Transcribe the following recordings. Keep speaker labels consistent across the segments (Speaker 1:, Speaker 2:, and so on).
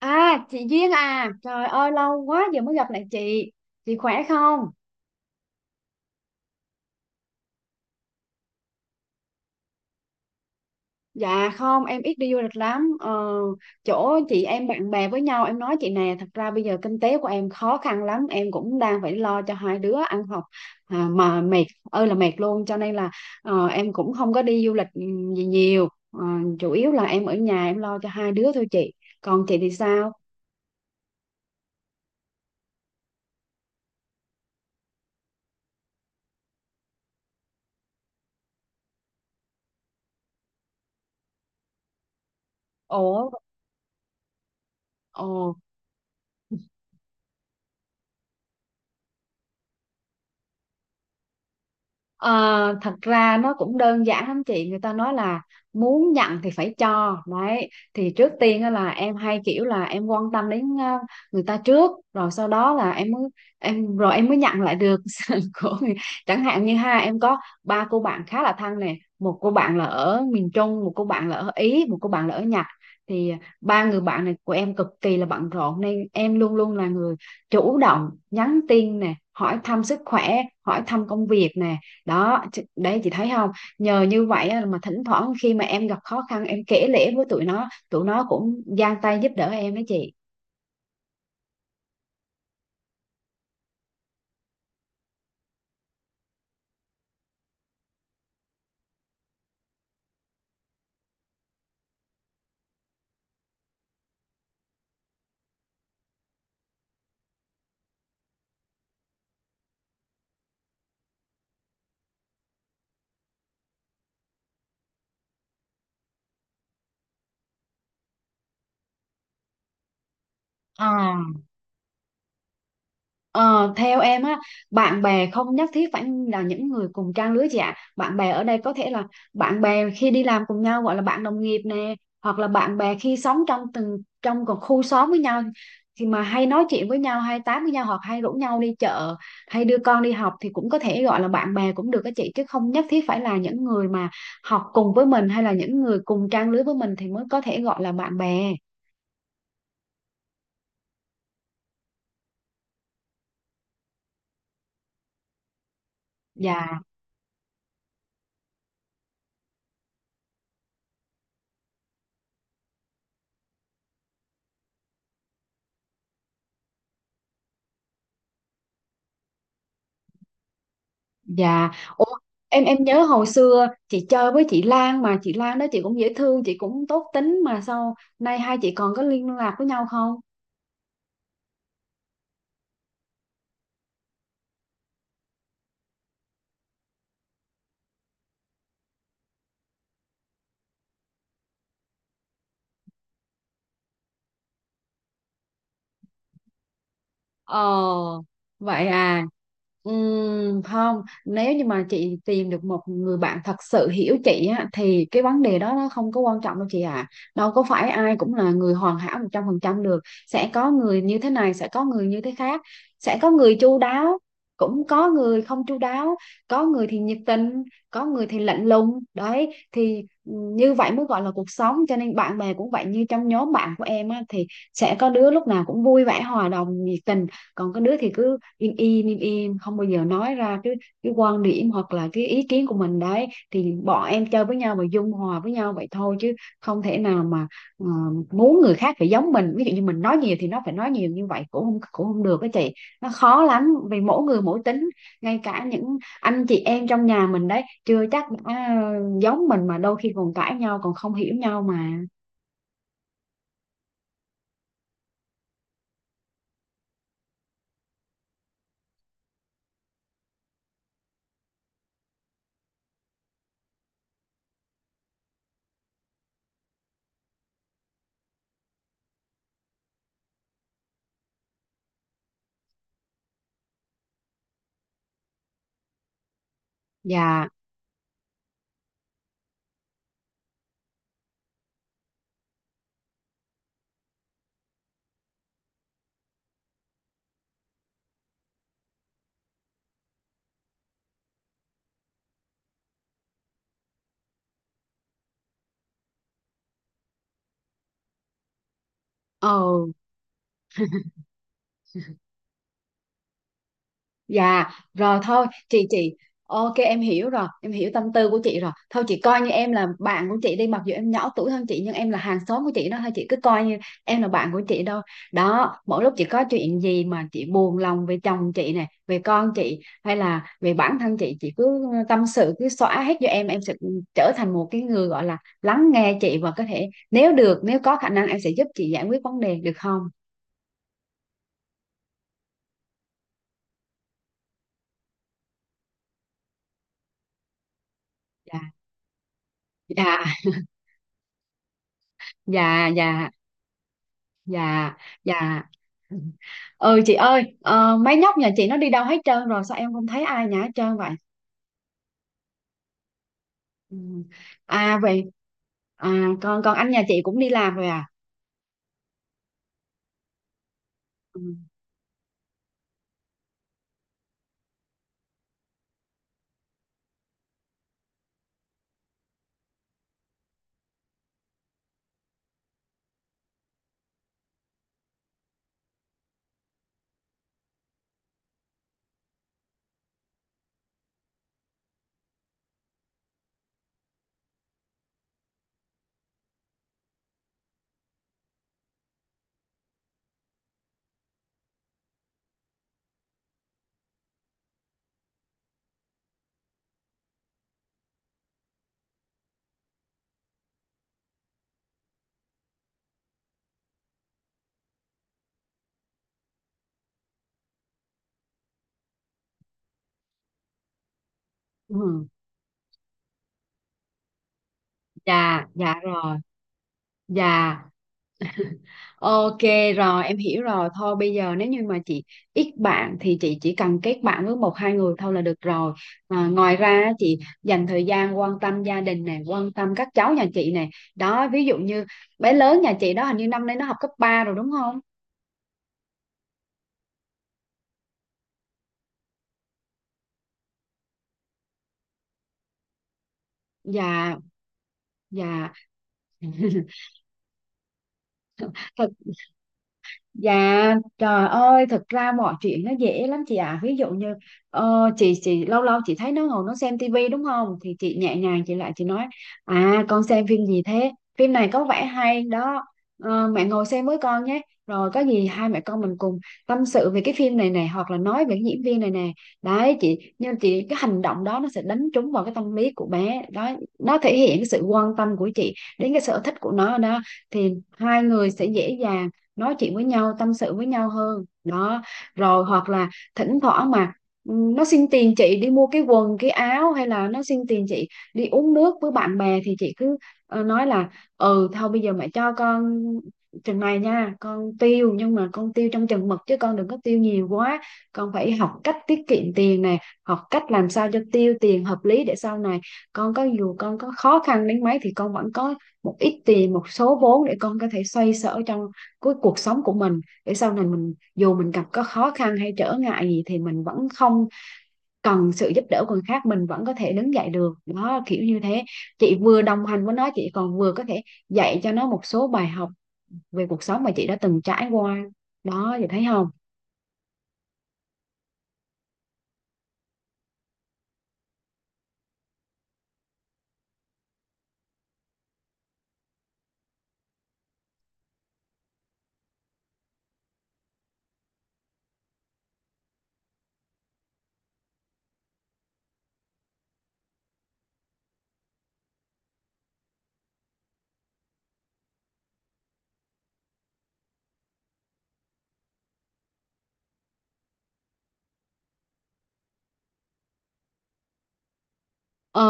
Speaker 1: À, chị Duyên à, trời ơi lâu quá giờ mới gặp lại chị. Chị khỏe không? Dạ không, em ít đi du lịch lắm. Ờ, Chỗ chị em bạn bè với nhau, em nói chị nè, thật ra bây giờ kinh tế của em khó khăn lắm, em cũng đang phải lo cho hai đứa ăn học, mà mệt ơi là mệt luôn, cho nên là em cũng không có đi du lịch gì nhiều. Ờ, Chủ yếu là em ở nhà em lo cho hai đứa thôi chị. Còn chị thì sao? Ủa. Ồ. Ờ, Thật ra nó cũng đơn giản lắm chị, người ta nói là muốn nhận thì phải cho. Đấy thì trước tiên á là em hay kiểu là em quan tâm đến người ta trước, rồi sau đó là em mới em rồi em mới nhận lại được sự của người. Chẳng hạn như ha, em có ba cô bạn khá là thân nè, một cô bạn là ở miền Trung, một cô bạn là ở Ý, một cô bạn là ở Nhật. Thì ba người bạn này của em cực kỳ là bận rộn nên em luôn luôn là người chủ động nhắn tin nè, hỏi thăm sức khỏe, hỏi thăm công việc nè. Đó đấy chị thấy không, nhờ như vậy á, mà thỉnh thoảng khi mà em gặp khó khăn em kể lể với tụi nó, tụi nó cũng giang tay giúp đỡ em đó chị. Ờ, Ờ, Theo em á, bạn bè không nhất thiết phải là những người cùng trang lứa chị ạ. Bạn bè ở đây có thể là bạn bè khi đi làm cùng nhau gọi là bạn đồng nghiệp nè, hoặc là bạn bè khi sống trong từng trong một khu xóm với nhau, thì mà hay nói chuyện với nhau, hay tám với nhau, hoặc hay rủ nhau đi chợ, hay đưa con đi học, thì cũng có thể gọi là bạn bè cũng được các chị, chứ không nhất thiết phải là những người mà học cùng với mình hay là những người cùng trang lứa với mình thì mới có thể gọi là bạn bè. Dạ. Dạ. Ủa, em nhớ hồi xưa chị chơi với chị Lan, mà chị Lan đó chị cũng dễ thương, chị cũng tốt tính, mà sao nay hai chị còn có liên lạc với nhau không? Ờ, Vậy à. Không, nếu như mà chị tìm được một người bạn thật sự hiểu chị á, thì cái vấn đề đó nó không có quan trọng đâu chị ạ. Đâu có phải ai cũng là người hoàn hảo 100% được. Sẽ có người như thế này, sẽ có người như thế khác. Sẽ có người chu đáo, cũng có người không chu đáo. Có người thì nhiệt tình, có người thì lạnh lùng. Đấy, thì như vậy mới gọi là cuộc sống. Cho nên bạn bè cũng vậy, như trong nhóm bạn của em á, thì sẽ có đứa lúc nào cũng vui vẻ, hòa đồng, nhiệt tình, còn cái đứa thì cứ im im im im không bao giờ nói ra cái quan điểm hoặc là cái ý kiến của mình. Đấy thì bọn em chơi với nhau và dung hòa với nhau vậy thôi, chứ không thể nào mà ờ, muốn người khác phải giống mình, ví dụ như mình nói nhiều thì nó phải nói nhiều, như vậy cũng không được đó chị. Nó khó lắm vì mỗi người mỗi tính, ngay cả những anh chị em trong nhà mình đấy chưa chắc đã giống mình, mà đôi khi còn cãi nhau còn không hiểu nhau mà. Dạ. Ờ. Dạ, rồi thôi, chị, ok em hiểu rồi, em hiểu tâm tư của chị rồi. Thôi chị coi như em là bạn của chị đi, mặc dù em nhỏ tuổi hơn chị nhưng em là hàng xóm của chị đó, thôi chị cứ coi như em là bạn của chị đâu. Đó, mỗi lúc chị có chuyện gì mà chị buồn lòng về chồng chị này, về con chị hay là về bản thân chị cứ tâm sự cứ xóa hết cho em sẽ trở thành một cái người gọi là lắng nghe chị, và có thể nếu được, nếu có khả năng em sẽ giúp chị giải quyết vấn đề được không? Dạ. Dạ. Dạ. Dạ. Dạ, dạ. Ừ chị ơi, mấy nhóc nhà chị nó đi đâu hết trơn rồi, sao em không thấy ai nhà hết trơn vậy? Ừ. À vậy. À còn còn anh nhà chị cũng đi làm rồi à? Ừ. Ừ. Dạ, dạ rồi. Dạ. Ok rồi em hiểu rồi. Thôi bây giờ nếu như mà chị ít bạn thì chị chỉ cần kết bạn với một hai người thôi là được rồi. À, ngoài ra á, chị dành thời gian quan tâm gia đình này, quan tâm các cháu nhà chị này. Đó, ví dụ như bé lớn nhà chị đó hình như năm nay nó học cấp ba rồi đúng không? Dạ. Dạ. Thật. Dạ, trời ơi, thực ra mọi chuyện nó dễ lắm chị ạ. Ví dụ như chị lâu lâu chị thấy nó ngồi nó xem tivi đúng không? Thì chị nhẹ nhàng chị lại chị nói: à con xem phim gì thế? Phim này có vẻ hay đó. Mẹ ngồi xem với con nhé. Rồi có gì hai mẹ con mình cùng tâm sự về cái phim này này hoặc là nói về cái diễn viên này nè. Đấy chị, nhưng chị cái hành động đó nó sẽ đánh trúng vào cái tâm lý của bé. Đó, nó thể hiện cái sự quan tâm của chị đến cái sở thích của nó đó, thì hai người sẽ dễ dàng nói chuyện với nhau tâm sự với nhau hơn đó. Rồi hoặc là thỉnh thoảng mà nó xin tiền chị đi mua cái quần cái áo hay là nó xin tiền chị đi uống nước với bạn bè, thì chị cứ nói là: ừ thôi bây giờ mẹ cho con chừng này nha con, tiêu nhưng mà con tiêu trong chừng mực chứ con đừng có tiêu nhiều quá, con phải học cách tiết kiệm tiền nè, học cách làm sao cho tiêu tiền hợp lý để sau này con có dù con có khó khăn đến mấy thì con vẫn có một ít tiền một số vốn để con có thể xoay sở trong của cuộc sống của mình, để sau này mình dù mình gặp có khó khăn hay trở ngại gì thì mình vẫn không cần sự giúp đỡ của người khác, mình vẫn có thể đứng dậy được đó kiểu như thế. Chị vừa đồng hành với nó chị còn vừa có thể dạy cho nó một số bài học về cuộc sống mà chị đã từng trải qua, đó chị thấy không? Ờ,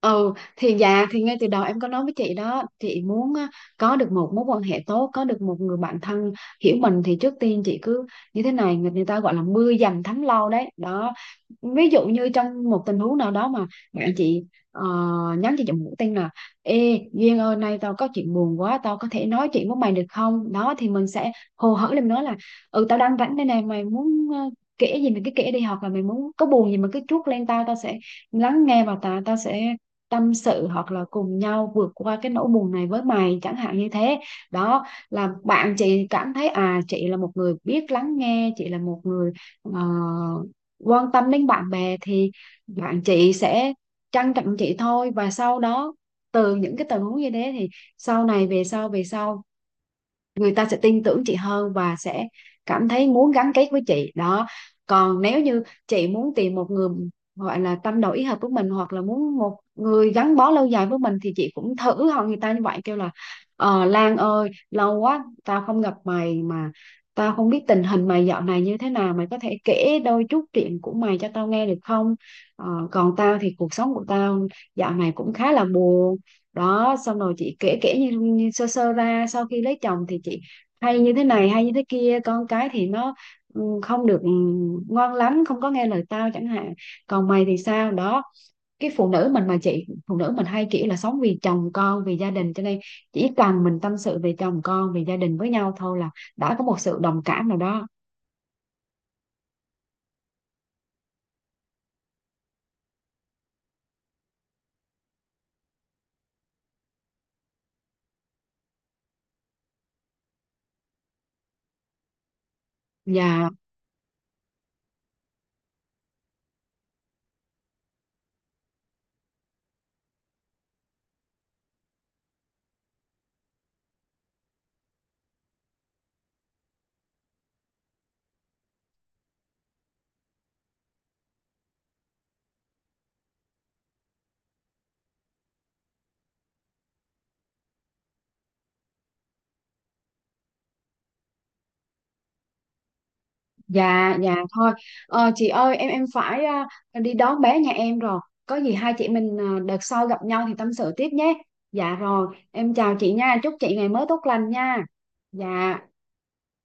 Speaker 1: ừ thì dạ thì ngay từ đầu em có nói với chị đó, chị muốn á, có được một mối quan hệ tốt, có được một người bạn thân hiểu mình, thì trước tiên chị cứ như thế này, người người ta gọi là mưa dầm thấm lâu đấy đó. Ví dụ như trong một tình huống nào đó mà bạn chị ờ, nhắn cho chị một tin là: ê Duyên ơi nay tao có chuyện buồn quá tao có thể nói chuyện với mày được không? Đó thì mình sẽ hồ hởi lên nói là: ừ tao đang rảnh đây này, mày muốn kể gì mình cứ kể đi, hoặc là mày muốn có buồn gì mà cứ trút lên tao, tao sẽ lắng nghe và ta ta sẽ tâm sự hoặc là cùng nhau vượt qua cái nỗi buồn này với mày, chẳng hạn như thế. Đó là bạn chị cảm thấy à chị là một người biết lắng nghe, chị là một người ờ, quan tâm đến bạn bè, thì bạn chị sẽ trân trọng chị thôi, và sau đó từ những cái tình huống như thế thì sau này về sau người ta sẽ tin tưởng chị hơn và sẽ cảm thấy muốn gắn kết với chị đó. Còn nếu như chị muốn tìm một người gọi là tâm đầu ý hợp với mình hoặc là muốn một người gắn bó lâu dài với mình thì chị cũng thử hỏi người ta như vậy, kêu là Lan ơi lâu quá tao không gặp mày, mà tao không biết tình hình mày dạo này như thế nào, mày có thể kể đôi chút chuyện của mày cho tao nghe được không? Ờ, Còn tao thì cuộc sống của tao dạo này cũng khá là buồn đó. Xong rồi chị kể, như, sơ sơ ra sau khi lấy chồng thì chị hay như thế này hay như thế kia, con cái thì nó không được ngoan lắm không có nghe lời tao chẳng hạn, còn mày thì sao đó. Cái phụ nữ mình mà chị, phụ nữ mình hay kiểu là sống vì chồng con vì gia đình cho nên chỉ cần mình tâm sự về chồng con về gia đình với nhau thôi là đã có một sự đồng cảm nào đó. Và. Dạ, dạ thôi. Chị ơi, em phải, đi đón bé nhà em rồi. Có gì hai chị mình à, đợt sau gặp nhau thì tâm sự tiếp nhé. Dạ rồi, em chào chị nha. Chúc chị ngày mới tốt lành nha. Dạ.